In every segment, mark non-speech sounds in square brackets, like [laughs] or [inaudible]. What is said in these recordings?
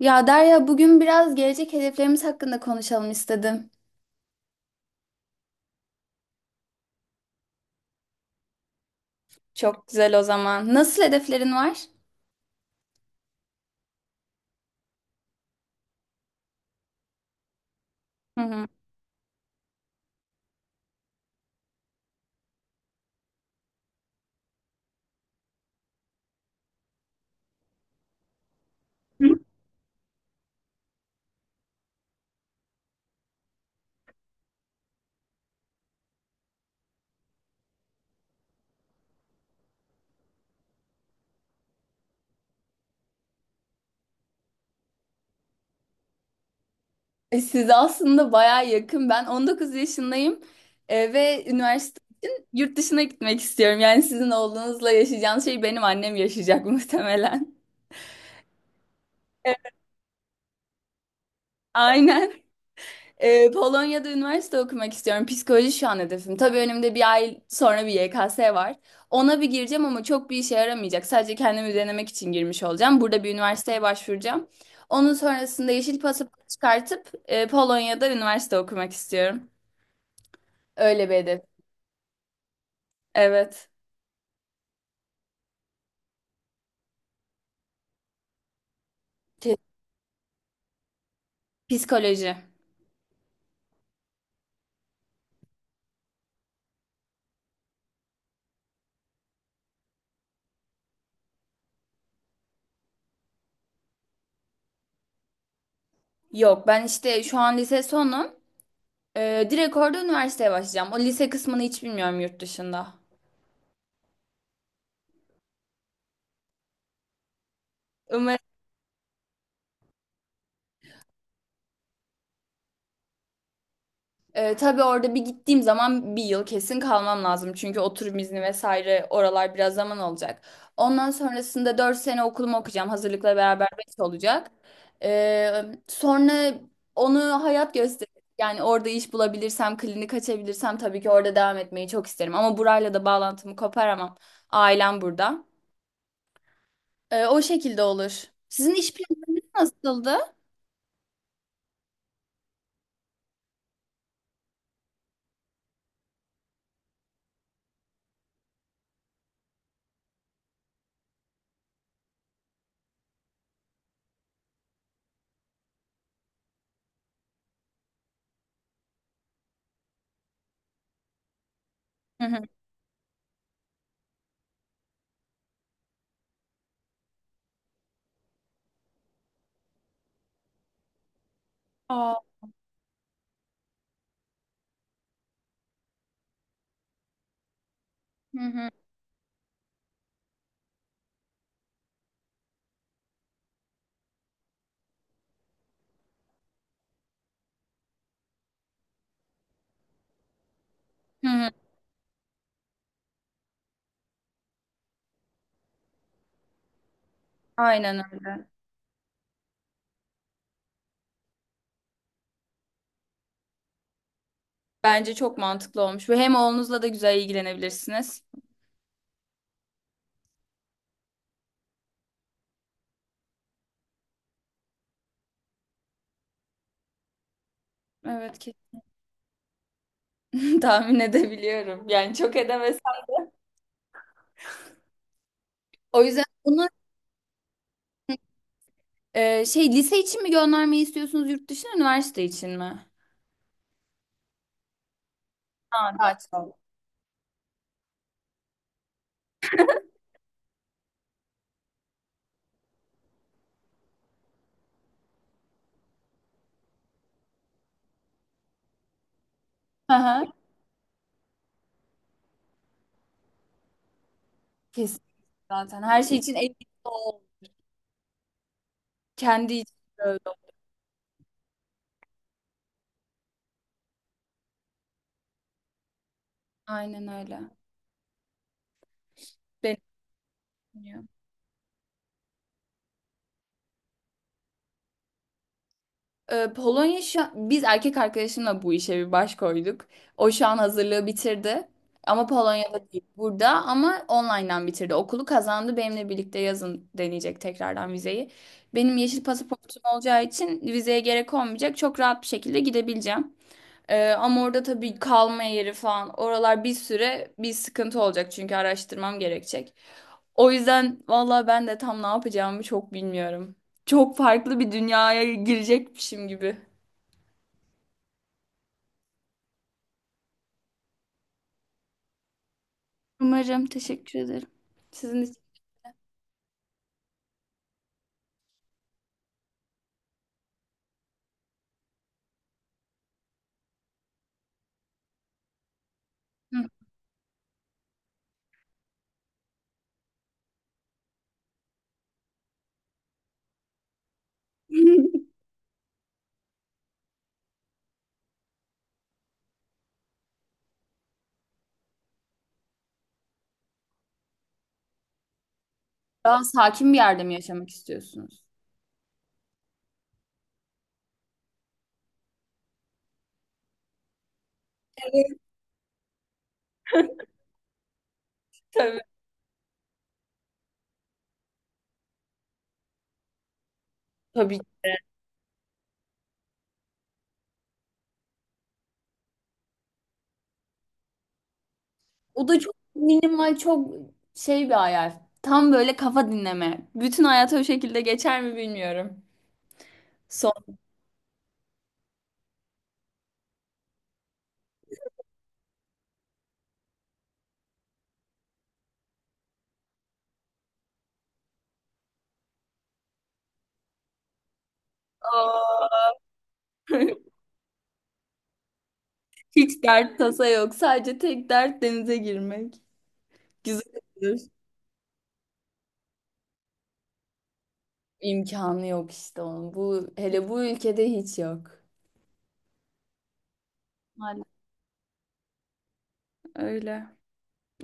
Ya Derya, bugün biraz gelecek hedeflerimiz hakkında konuşalım istedim. Çok güzel o zaman. Nasıl hedeflerin var? Hı hı. Size aslında baya yakın. Ben 19 yaşındayım, ve üniversite için yurt dışına gitmek istiyorum. Yani sizin oğlunuzla yaşayacağınız şey benim annem yaşayacak [laughs] muhtemelen. Evet. Aynen. Polonya'da üniversite okumak istiyorum. Psikoloji şu an hedefim. Tabii önümde bir ay sonra bir YKS var. Ona bir gireceğim ama çok bir işe yaramayacak. Sadece kendimi denemek için girmiş olacağım. Burada bir üniversiteye başvuracağım. Onun sonrasında yeşil pasaport çıkartıp Polonya'da üniversite okumak istiyorum. Öyle bir hedef. Evet. Te- Psikoloji. Yok, ben işte şu an lise sonum. Direkt orada üniversiteye başlayacağım. O lise kısmını hiç bilmiyorum yurt dışında. Tabii orada bir gittiğim zaman bir yıl kesin kalmam lazım. Çünkü oturum izni vesaire oralar biraz zaman alacak. Ondan sonrasında 4 sene okulumu okuyacağım. Hazırlıkla beraber 5 olacak. Sonra onu hayat gösterir. Yani orada iş bulabilirsem, klinik açabilirsem tabii ki orada devam etmeyi çok isterim. Ama burayla da bağlantımı koparamam. Ailem burada. O şekilde olur. Sizin iş planlarınız nasıldı? Hı hı. Aa, hı hı. Hı hı. Aynen öyle. Bence çok mantıklı olmuş. Ve hem oğlunuzla da güzel ilgilenebilirsiniz. Evet ki [laughs] tahmin edebiliyorum. Yani çok edemezsem. O yüzden bunu şey, lise için mi göndermeyi istiyorsunuz yurt dışına, üniversite için mi? Ha, daha çok. Hı hı. Kesin zaten. Her şey için emin ol. Kendi için de öyle. Ol. Aynen öyle. Benim. Polonya şu an- biz erkek arkadaşımla bu işe bir baş koyduk. O şu an hazırlığı bitirdi. Ama Polonya'da değil, burada ama online'dan bitirdi. Okulu kazandı. Benimle birlikte yazın deneyecek tekrardan vizeyi. Benim yeşil pasaportum olacağı için vizeye gerek olmayacak. Çok rahat bir şekilde gidebileceğim. Ama orada tabii kalma yeri falan oralar bir süre bir sıkıntı olacak çünkü araştırmam gerekecek. O yüzden valla ben de tam ne yapacağımı çok bilmiyorum. Çok farklı bir dünyaya girecekmişim gibi. Umarım. Teşekkür ederim. Sizin için. Hı. [laughs] Daha sakin bir yerde mi yaşamak istiyorsunuz? [laughs] Tabii. Tabii. O da çok minimal, çok şey bir hayal. Tam böyle kafa dinleme. Bütün hayatı o şekilde geçer mi bilmiyorum. Son. Aa. [laughs] Hiç dert tasa yok. Sadece tek dert denize girmek. Güzel olur. İmkanı yok işte onun. Bu hele bu ülkede hiç yok. Maalesef öyle.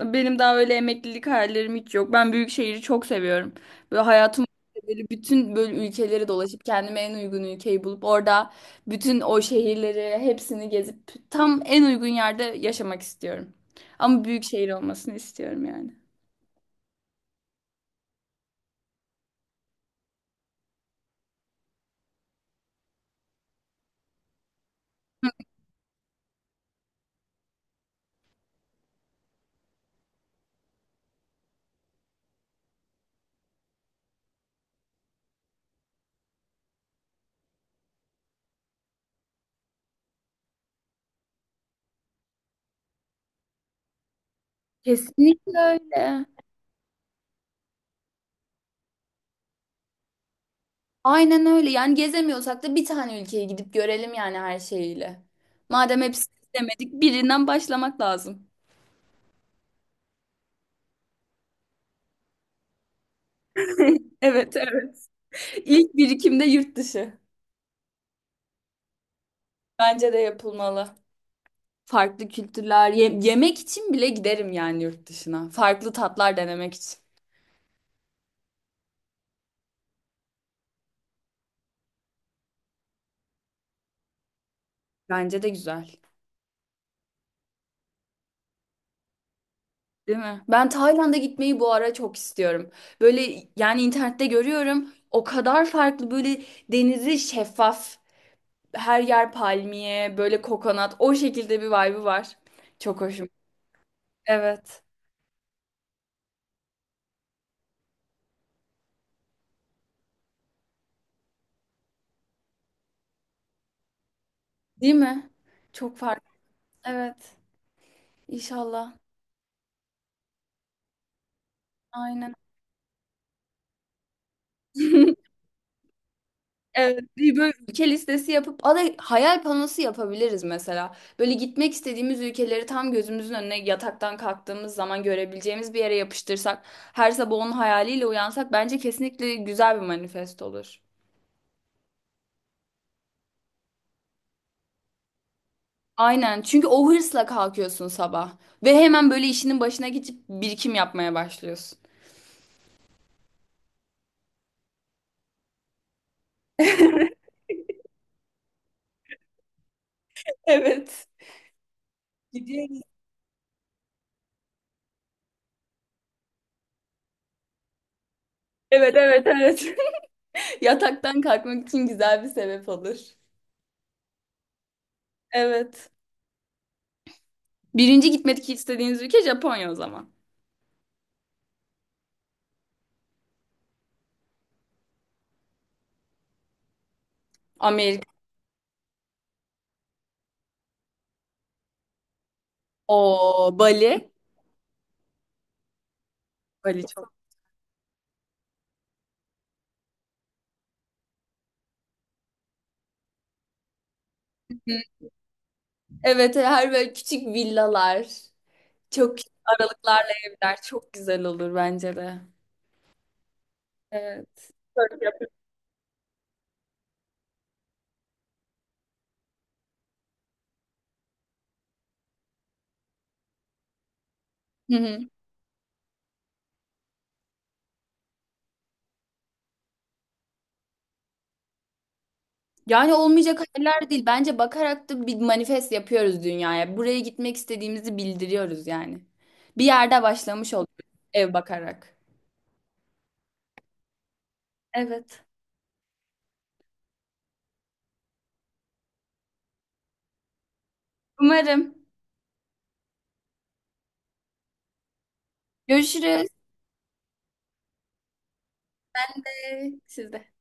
Benim daha öyle emeklilik hayallerim hiç yok. Ben büyük şehri çok seviyorum. Böyle hayatım boyunca böyle bütün böyle ülkeleri dolaşıp kendime en uygun ülkeyi bulup orada bütün o şehirleri hepsini gezip tam en uygun yerde yaşamak istiyorum. Ama büyük şehir olmasını istiyorum yani. Kesinlikle öyle. Aynen öyle. Yani gezemiyorsak da bir tane ülkeye gidip görelim yani her şeyiyle. Madem hepsini istemedik, birinden başlamak lazım. [laughs] Evet, evet. İlk birikimde yurt dışı. Bence de yapılmalı. Farklı kültürler, yemek için bile giderim yani yurt dışına. Farklı tatlar denemek için. Bence de güzel. Değil mi? Ben Tayland'a gitmeyi bu ara çok istiyorum. Böyle yani internette görüyorum. O kadar farklı, böyle denizi şeffaf, her yer palmiye, böyle kokonat, o şekilde bir vibe'ı var. Çok hoşum. Evet. Değil mi? Çok farklı. Evet. İnşallah. Aynen. [laughs] Evet, bir böyle ülke listesi yapıp aday hayal panosu yapabiliriz mesela. Böyle gitmek istediğimiz ülkeleri tam gözümüzün önüne yataktan kalktığımız zaman görebileceğimiz bir yere yapıştırsak, her sabah onun hayaliyle uyansak bence kesinlikle güzel bir manifest olur. Aynen. Çünkü o hırsla kalkıyorsun sabah ve hemen böyle işinin başına geçip birikim yapmaya başlıyorsun. [laughs] Evet. Gidiyoruz. Evet, evet, evet. [laughs] Yataktan kalkmak için güzel bir sebep olur. Evet. Birinci gitmek istediğiniz ülke Japonya o zaman. Amerika. O Bali. Bali çok. Hı, evet, her böyle küçük villalar. Çok küçük aralıklarla evler. Çok güzel olur bence de. Evet. Hı hı. Yani olmayacak hayaller değil. Bence bakarak da bir manifest yapıyoruz dünyaya. Buraya gitmek istediğimizi bildiriyoruz yani. Bir yerde başlamış oluyoruz, ev bakarak. Evet. Umarım. Görüşürüz. Siz de.